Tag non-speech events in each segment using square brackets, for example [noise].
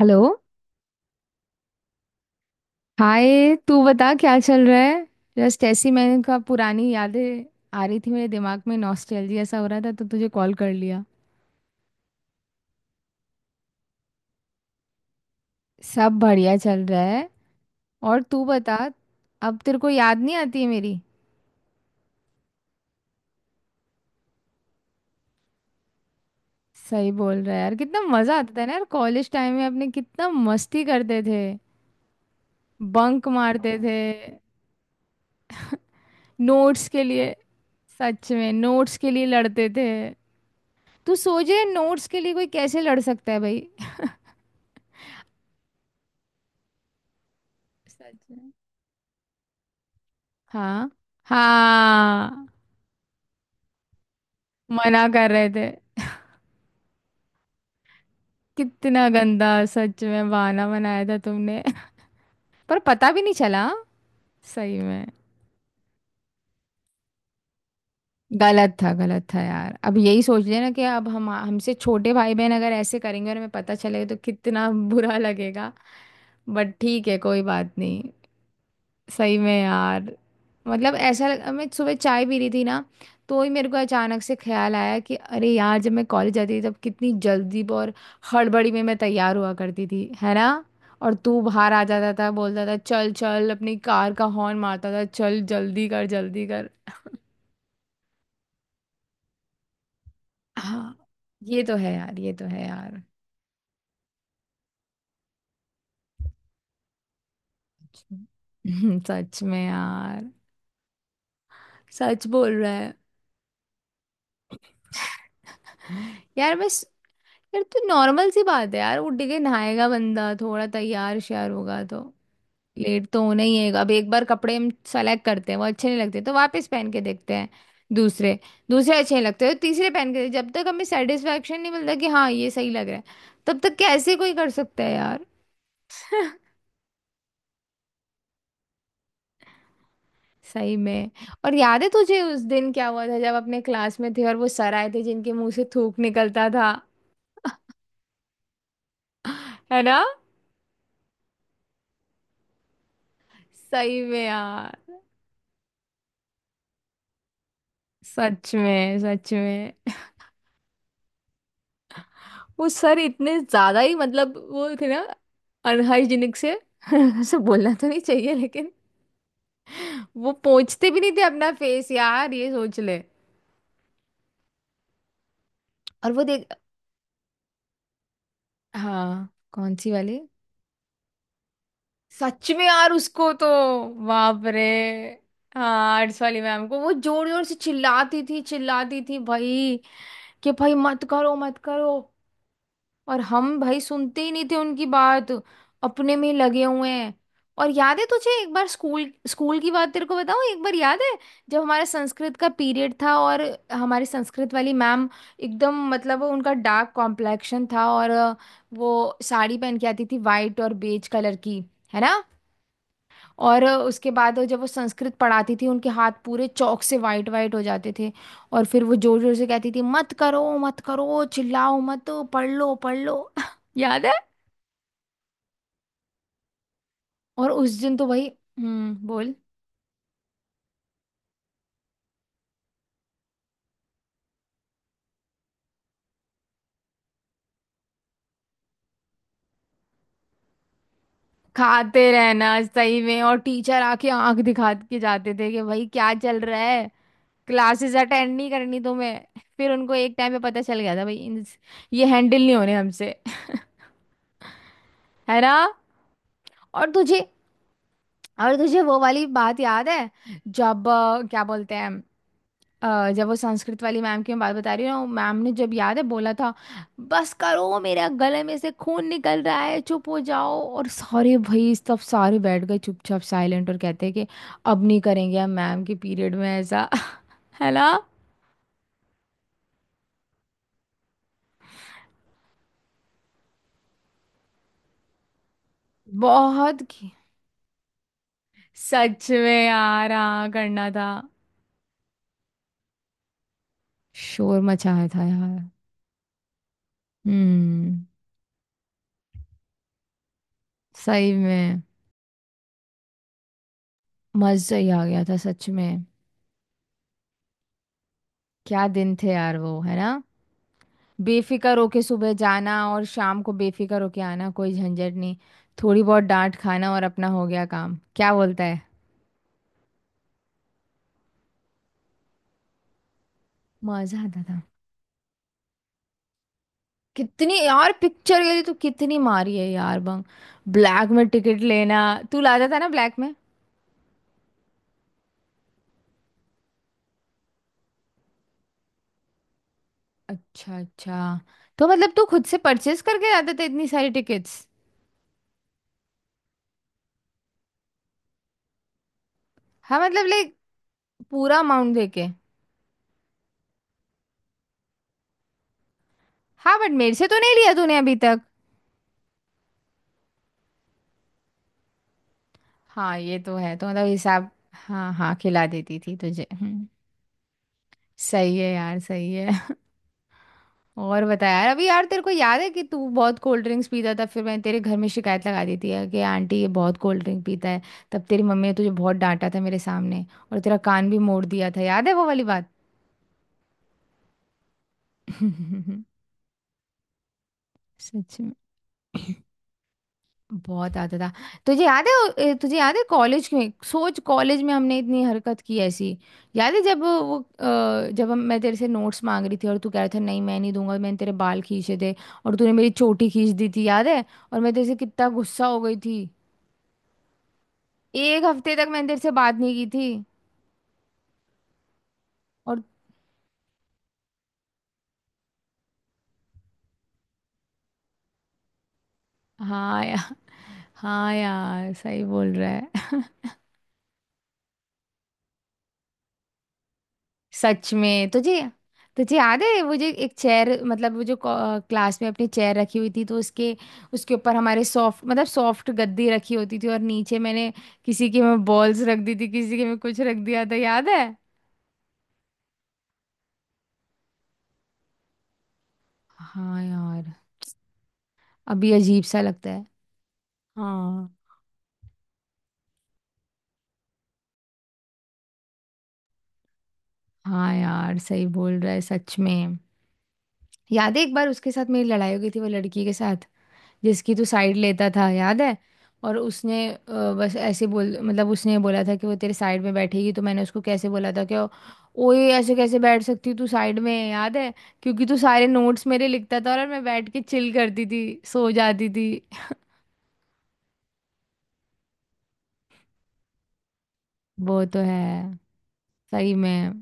Hello. Hi, तू बता क्या चल रहा है? जस्ट ऐसी मैंने कहा, पुरानी यादें आ रही थी मेरे दिमाग में, नॉस्टैल्जिया सा हो रहा था तो तुझे कॉल कर लिया। सब बढ़िया चल रहा है। और तू बता। अब तेरे को याद नहीं आती है मेरी? सही बोल रहा है यार, कितना मजा आता था ना यार कॉलेज टाइम में, अपने कितना मस्ती करते थे। बंक मारते थे। नोट्स के लिए। सच में नोट्स के लिए लड़ते थे। तू सोचे नोट्स के लिए कोई कैसे लड़ सकता है भाई। [laughs] सच में। हाँ। हाँ। मना कर रहे थे। कितना गंदा। सच में बहाना बनाया था तुमने। [laughs] पर पता भी नहीं चला। सही में। गलत था, गलत था यार। अब यही सोच लेना कि अब हम, हमसे छोटे भाई बहन अगर ऐसे करेंगे और हमें पता चलेगा तो कितना बुरा लगेगा। बट ठीक है, कोई बात नहीं। सही में यार। मतलब ऐसा मैं सुबह चाय पी रही थी ना, तो ही मेरे को अचानक से ख्याल आया कि अरे यार, जब मैं कॉलेज जाती थी तब कितनी जल्दी और हड़बड़ी में मैं तैयार हुआ करती थी, है ना। और तू बाहर आ जाता था, बोलता था चल चल, अपनी कार का हॉर्न मारता था, चल जल्दी कर जल्दी कर। हाँ ये तो है यार, ये तो है यार। [laughs] सच में यार। सच बोल रहा है। यार बस। यार तो नॉर्मल सी बात है यार, उठ के नहाएगा बंदा, थोड़ा तैयार श्यार होगा तो लेट तो होना ही है। अब एक बार कपड़े हम सेलेक्ट करते हैं, वो अच्छे नहीं लगते तो वापस पहन के देखते हैं दूसरे। दूसरे अच्छे नहीं लगते तो तीसरे पहन के, जब तक हमें सेटिस्फेक्शन नहीं मिलता कि हाँ ये सही लग रहा है, तब तक कैसे कोई कर सकता है यार। [laughs] सही में। और याद है तुझे उस दिन क्या हुआ था, जब अपने क्लास में थे और वो सर आए थे जिनके मुंह से थूक निकलता था, है ना। सही में यार। सच में सच में। वो सर इतने ज्यादा ही मतलब वो थे ना अनहाइजीनिक से। [laughs] ऐसे बोलना तो नहीं चाहिए लेकिन वो पोंछते भी नहीं थे अपना फेस यार, ये सोच ले। और वो देख। हाँ कौन सी वाली? सच में यार, उसको तो बाप रे। हाँ आर्ट्स वाली मैम को वो जोर जोर से चिल्लाती थी, चिल्लाती थी भाई कि भाई मत करो मत करो। और हम भाई सुनते ही नहीं थे उनकी बात, अपने में ही लगे हुए हैं। और याद है तुझे एक बार, स्कूल, स्कूल की बात तेरे को बताऊं, एक बार याद है जब हमारा संस्कृत का पीरियड था, और हमारी संस्कृत वाली मैम, एकदम मतलब उनका डार्क कॉम्प्लेक्शन था और वो साड़ी पहन के आती थी वाइट और बेज कलर की, है ना। और उसके बाद जब वो संस्कृत पढ़ाती थी, उनके हाथ पूरे चौक से वाइट वाइट हो जाते थे। और फिर वो जोर जोर से कहती थी मत करो मत करो, चिल्लाओ मत, पढ़ लो पढ़ लो। [laughs] याद है। और उस दिन तो भाई। बोल। खाते रहना सही में। और टीचर आके आंख दिखा के जाते थे कि भाई क्या चल रहा है, क्लासेस अटेंड नहीं करनी तुम्हें? फिर उनको एक टाइम पे पता चल गया था भाई ये हैंडल नहीं होने हमसे। [laughs] है ना। और तुझे। और तुझे वो वाली बात याद है, जब क्या बोलते हैं, जब वो संस्कृत वाली मैम की मैं बात बता रही हूँ, मैम ने जब याद है बोला था बस करो, मेरा गले में से खून निकल रहा है, चुप हो जाओ। और सारे भाई, सब सारे बैठ गए चुपचाप साइलेंट, और कहते हैं कि अब नहीं करेंगे हम मैम के पीरियड में ऐसा। [laughs] है ना। बहुत की- सच में यार, हाँ करना था। शोर मचाया था यार। हम्म। सही में। मजा ही आ गया था सच में। क्या दिन थे यार वो, है ना। बेफिक्र होके सुबह जाना और शाम को बेफिक्र होके आना, कोई झंझट नहीं। थोड़ी बहुत डांट खाना और अपना हो गया काम, क्या बोलता है। मजा आता था। कितनी यार, पिक्चर के लिए तो कितनी मारी है यार बंग। ब्लैक में टिकट लेना। तू लाता था ना ब्लैक में। अच्छा अच्छा। तो मतलब तू खुद से परचेस करके लाते थे इतनी सारी टिकट्स? हाँ मतलब लाइक, पूरा अमाउंट देके। हाँ, बट मेरे से तो नहीं लिया तूने अभी तक। हाँ ये तो है, तो मतलब हिसाब, हाँ हाँ खिला देती थी तुझे। हम्म। सही है यार, सही है। और बता यार। अभी यार तेरे को याद है कि तू बहुत कोल्ड ड्रिंक्स पीता था, फिर मैंने तेरे घर में शिकायत लगा दी थी यार कि आंटी, ये बहुत कोल्ड ड्रिंक पीता है। तब तेरी मम्मी ने तुझे बहुत डांटा था मेरे सामने, और तेरा कान भी मोड़ दिया था, याद है वो वाली बात। [laughs] सच में। बहुत आता था। तुझे याद तुझे याद है कॉलेज में, सोच कॉलेज में हमने इतनी हरकत की ऐसी। याद है जब वो जब हम, मैं तेरे से नोट्स मांग रही थी और तू कह रहा था नहीं मैं नहीं दूंगा, मैंने तेरे बाल खींचे थे, और तूने मेरी चोटी खींच दी थी, याद है। और मैं तेरे से कितना गुस्सा हो गई थी। एक हफ्ते तक मैंने तेरे से बात नहीं की थी। और, हाँ यार, हाँ यार सही बोल रहा है। सच में। तुझे तुझे याद है वो जो एक चेयर, मतलब वो जो क्लास में अपनी चेयर रखी हुई थी, तो उसके, उसके ऊपर हमारे सॉफ्ट, मतलब सॉफ्ट गद्दी रखी होती थी, और नीचे मैंने किसी के में बॉल्स रख दी थी, किसी के में कुछ रख दिया था, याद है। हाँ यार, अभी अजीब सा लगता है। हाँ। हाँ यार सही बोल रहा है सच में। याद है एक बार उसके साथ मेरी लड़ाई हो गई थी, वो लड़की के साथ जिसकी तू साइड लेता था, याद है। और उसने बस ऐसे बोल मतलब, उसने बोला था कि वो तेरे साइड में बैठेगी, तो मैंने उसको कैसे बोला था कि ओए ऐसे कैसे बैठ सकती तू साइड में, याद है। क्योंकि तू सारे नोट्स मेरे लिखता था और मैं बैठ के चिल करती थी, सो जाती थी। वो तो है। सही में।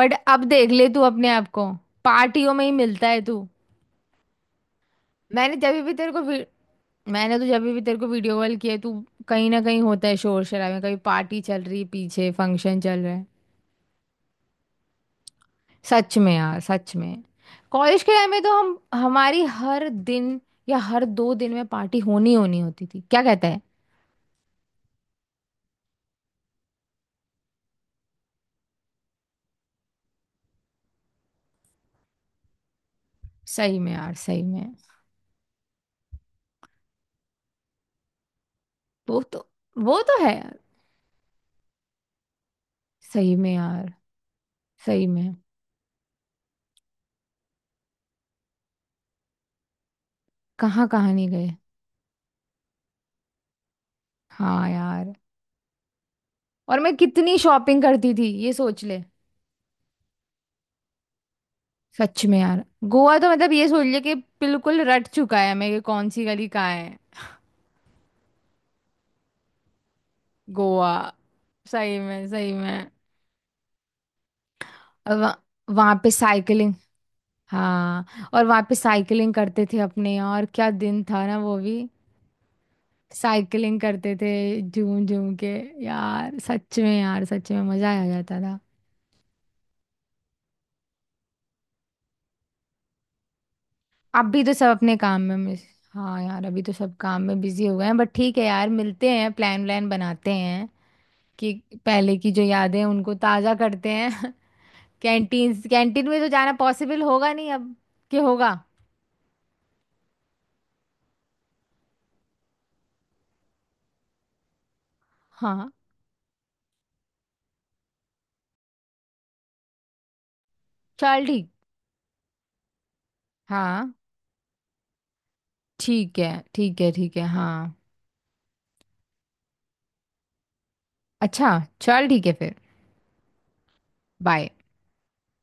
बट अब देख ले तू अपने आप को, पार्टियों में ही मिलता है तू। मैंने जब भी तेरे को वी- मैंने तो जब भी तेरे को वीडियो कॉल किया है, तू कहीं ना कहीं होता है शोर शराबे, कभी पार्टी चल रही है पीछे, फंक्शन चल रहा है। सच में यार, सच में। कॉलेज के टाइम में तो हम, हमारी हर दिन या हर दो दिन में पार्टी होनी होनी होती थी, क्या कहता है। सही में यार, सही में। वो तो वो तो है यार। सही में यार, सही में। कहाँ कहाँ नहीं गए। हाँ यार। और मैं कितनी शॉपिंग करती थी, ये सोच ले। सच में यार। गोवा तो मतलब ये सोच ले कि बिल्कुल रट चुका है मैं कि कौन सी गली कहाँ है। गोवा। सही में, सही में। वहां पे साइकिलिंग। हाँ, और वहाँ पे साइकिलिंग करते थे अपने यार, क्या दिन था ना वो भी। साइकिलिंग करते थे, झूम झूम के यार, सच में यार, सच में मजा आ जाता था। अभी तो सब अपने काम में मिस। हाँ यार, अभी तो सब काम में बिजी हो गए हैं, बट ठीक है यार, मिलते हैं, प्लान व्लान बनाते हैं कि पहले की जो यादें हैं उनको ताज़ा करते हैं। [laughs] कैंटीन, कैंटीन में तो जाना पॉसिबल होगा नहीं अब। कि होगा? हाँ चल ठीक। हाँ, ठीक है ठीक है ठीक है, हाँ। अच्छा चल ठीक है फिर। Bye.